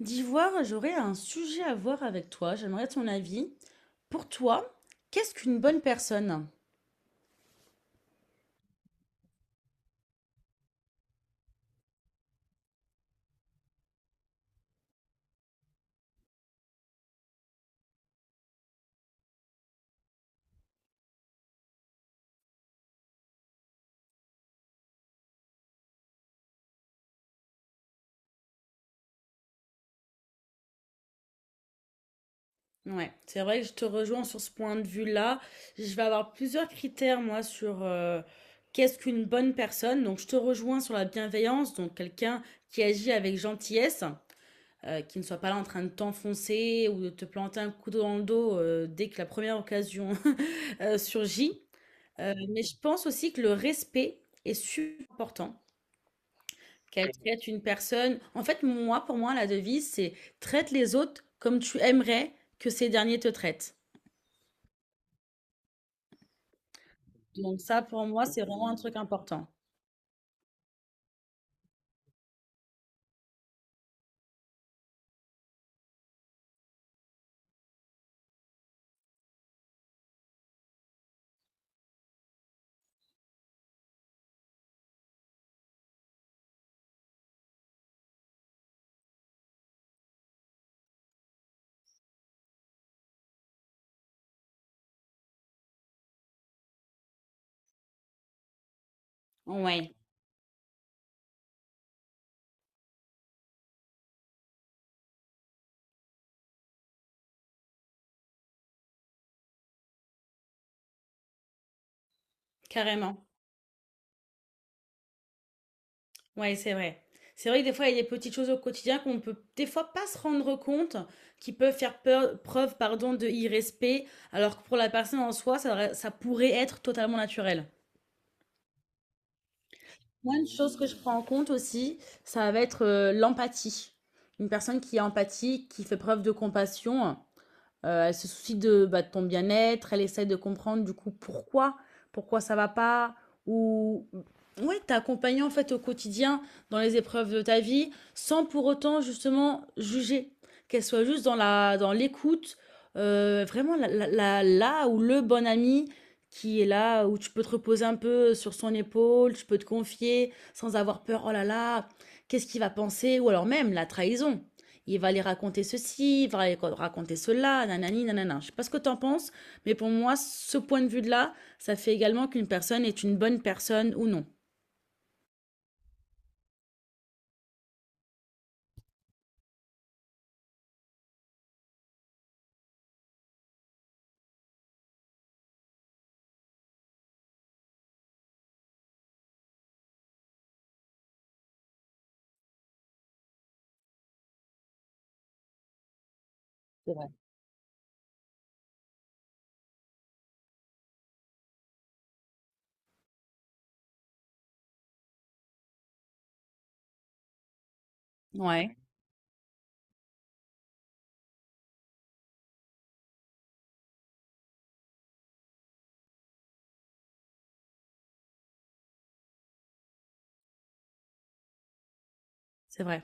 D'ivoire, j'aurais un sujet à voir avec toi. J'aimerais ton avis. Pour toi, qu'est-ce qu'une bonne personne? Ouais, c'est vrai que je te rejoins sur ce point de vue-là. Je vais avoir plusieurs critères, moi, sur qu'est-ce qu'une bonne personne. Donc, je te rejoins sur la bienveillance, donc quelqu'un qui agit avec gentillesse, qui ne soit pas là en train de t'enfoncer ou de te planter un couteau dans le dos dès que la première occasion surgit. Mais je pense aussi que le respect est super important. Qu'elle traite une personne en fait, moi, pour moi, la devise, c'est: «Traite les autres comme tu aimerais que ces derniers te traitent». Donc ça, pour moi, c'est vraiment un truc important. Ouais, carrément. Ouais, c'est vrai. C'est vrai que des fois, il y a des petites choses au quotidien qu'on peut, des fois, pas se rendre compte, qui peuvent faire peur preuve, pardon, de irrespect, alors que pour la personne en soi, ça pourrait être totalement naturel. Moi, une chose que je prends en compte aussi, ça va être, l'empathie. Une personne qui est empathique, qui fait preuve de compassion. Elle se soucie de, bah, de ton bien-être, elle essaie de comprendre du coup pourquoi, pourquoi ça va pas ou ouais, t'accompagner en fait au quotidien dans les épreuves de ta vie sans pour autant justement juger. Qu'elle soit juste dans la dans l'écoute, vraiment la ou le bon ami qui est là, où tu peux te reposer un peu sur son épaule, tu peux te confier sans avoir peur: «Oh là là, qu'est-ce qu'il va penser?» ou alors même la trahison. Il va aller raconter ceci, il va aller raconter cela, nanani, nanana. Je ne sais pas ce que t'en penses, mais pour moi, ce point de vue-là, ça fait également qu'une personne est une bonne personne ou non. C'est vrai. Ouais, c'est vrai,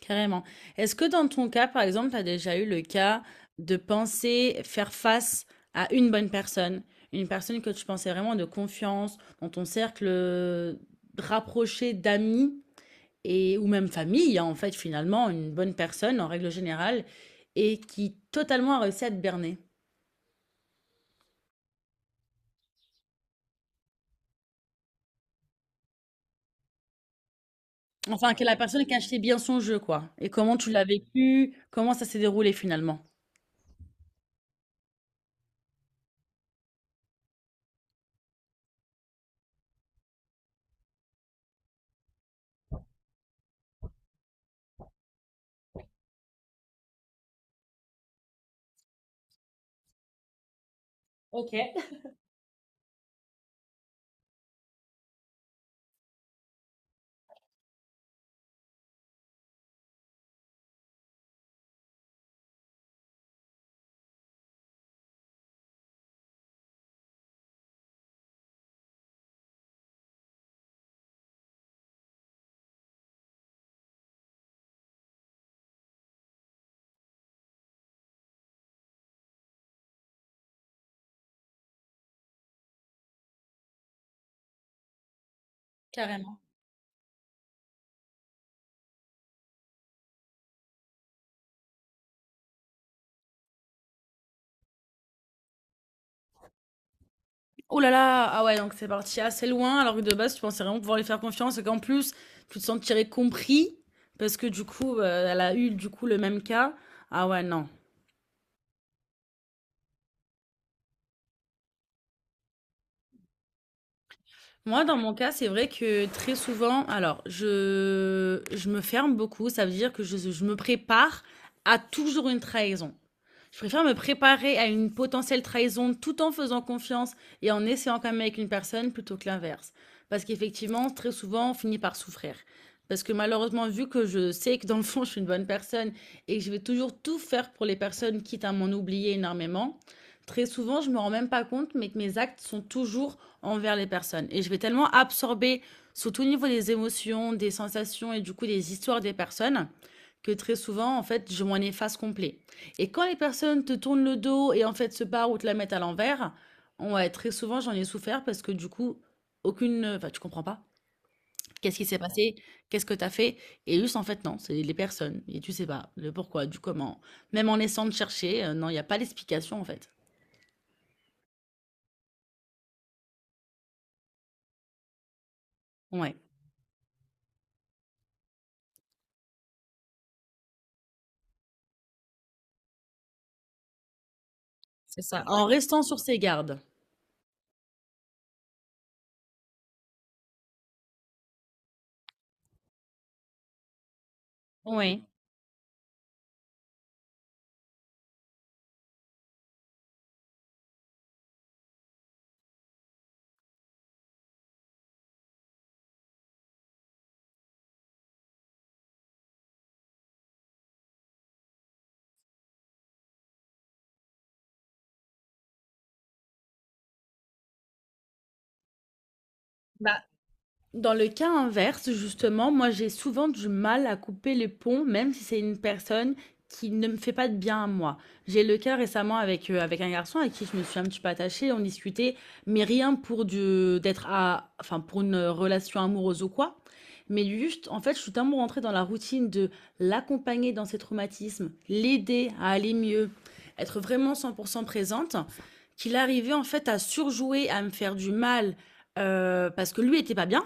carrément. Est-ce que dans ton cas, par exemple, t'as déjà eu le cas de penser faire face à une bonne personne, une personne que tu pensais vraiment de confiance, dans ton cercle rapproché d'amis, et ou même famille, hein, en fait, finalement, une bonne personne en règle générale et qui totalement a réussi à te berner. Enfin, que la personne qui a acheté bien son jeu, quoi. Et comment tu l'as vécu? Comment ça s'est déroulé finalement? Carrément. Oh là là! Ah ouais, donc c'est parti assez loin, alors que de base, tu pensais vraiment pouvoir lui faire confiance et qu'en plus, tu te sentirais compris parce que du coup, elle a eu, du coup, le même cas. Ah ouais, non. Moi, dans mon cas, c'est vrai que très souvent, alors, je me ferme beaucoup. Ça veut dire que je me prépare à toujours une trahison. Je préfère me préparer à une potentielle trahison tout en faisant confiance et en essayant quand même avec une personne plutôt que l'inverse. Parce qu'effectivement, très souvent, on finit par souffrir. Parce que malheureusement, vu que je sais que dans le fond, je suis une bonne personne et que je vais toujours tout faire pour les personnes, quitte à m'en oublier énormément, très souvent, je ne me rends même pas compte, mais que mes actes sont toujours envers les personnes. Et je vais tellement absorber, surtout au niveau des émotions, des sensations et du coup des histoires des personnes, que très souvent, en fait, je m'en efface complet. Et quand les personnes te tournent le dos et en fait se barrent ou te la mettent à l'envers, on ouais, très souvent j'en ai souffert parce que du coup, aucune, enfin tu comprends pas. Qu'est-ce qui s'est passé? Qu'est-ce que t'as fait? Et juste en fait non, c'est les personnes et tu sais pas le pourquoi, du comment. Même en essayant de chercher, non, il y a pas d'explication en fait. Ouais, c'est ça. En restant sur ses gardes. Oui. Dans le cas inverse, justement, moi, j'ai souvent du mal à couper les ponts, même si c'est une personne qui ne me fait pas de bien à moi. J'ai eu le cas récemment avec, avec un garçon à qui je me suis un petit peu attachée, on discutait, mais rien pour du d'être à enfin, pour une, relation amoureuse ou quoi. Mais juste, en fait, je suis tellement rentrée dans la routine de l'accompagner dans ses traumatismes, l'aider à aller mieux, être vraiment 100% présente, qu'il arrivait, en fait, à surjouer, à me faire du mal, parce que lui était pas bien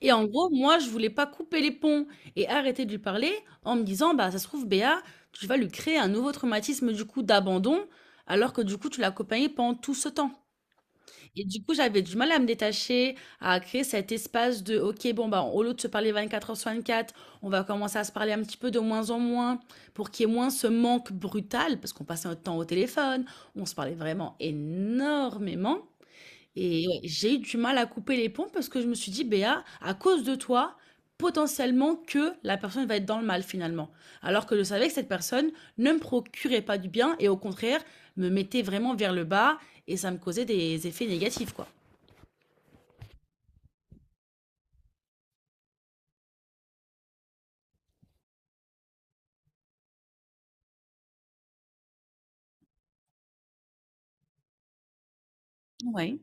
et en gros, moi, je voulais pas couper les ponts et arrêter de lui parler en me disant, bah, ça se trouve, Béa, tu vas lui créer un nouveau traumatisme, du coup, d'abandon, alors que du coup, tu l'as accompagné pendant tout ce temps. Et du coup, j'avais du mal à me détacher, à créer cet espace de, OK, bon, bah, au lieu de se parler 24 heures sur 24, on va commencer à se parler un petit peu de moins en moins pour qu'il y ait moins ce manque brutal, parce qu'on passait notre temps au téléphone, on se parlait vraiment énormément. Et ouais, j'ai eu du mal à couper les ponts parce que je me suis dit: «Béa, à cause de toi, potentiellement que la personne va être dans le mal finalement». Alors que je savais que cette personne ne me procurait pas du bien et au contraire, me mettait vraiment vers le bas et ça me causait des effets négatifs, quoi. Ouais.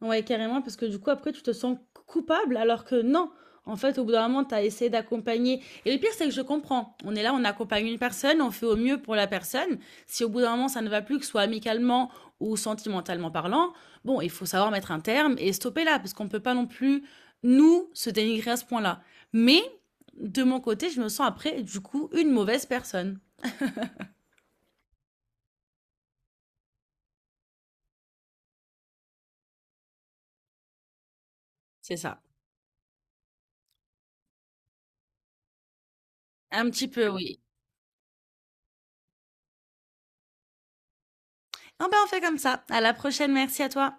Ouais, carrément, parce que du coup, après, tu te sens coupable, alors que non, en fait, au bout d'un moment, tu as essayé d'accompagner et le pire, c'est que je comprends. On est là, on accompagne une personne, on fait au mieux pour la personne. Si au bout d'un moment, ça ne va plus, que ce soit amicalement ou sentimentalement parlant, bon, il faut savoir mettre un terme et stopper là, parce qu'on ne peut pas non plus, nous, se dénigrer à ce point-là. Mais de mon côté, je me sens après, du coup, une mauvaise personne. C'est ça. Un petit peu, oui. Ah ben, on fait comme ça. À la prochaine, merci à toi.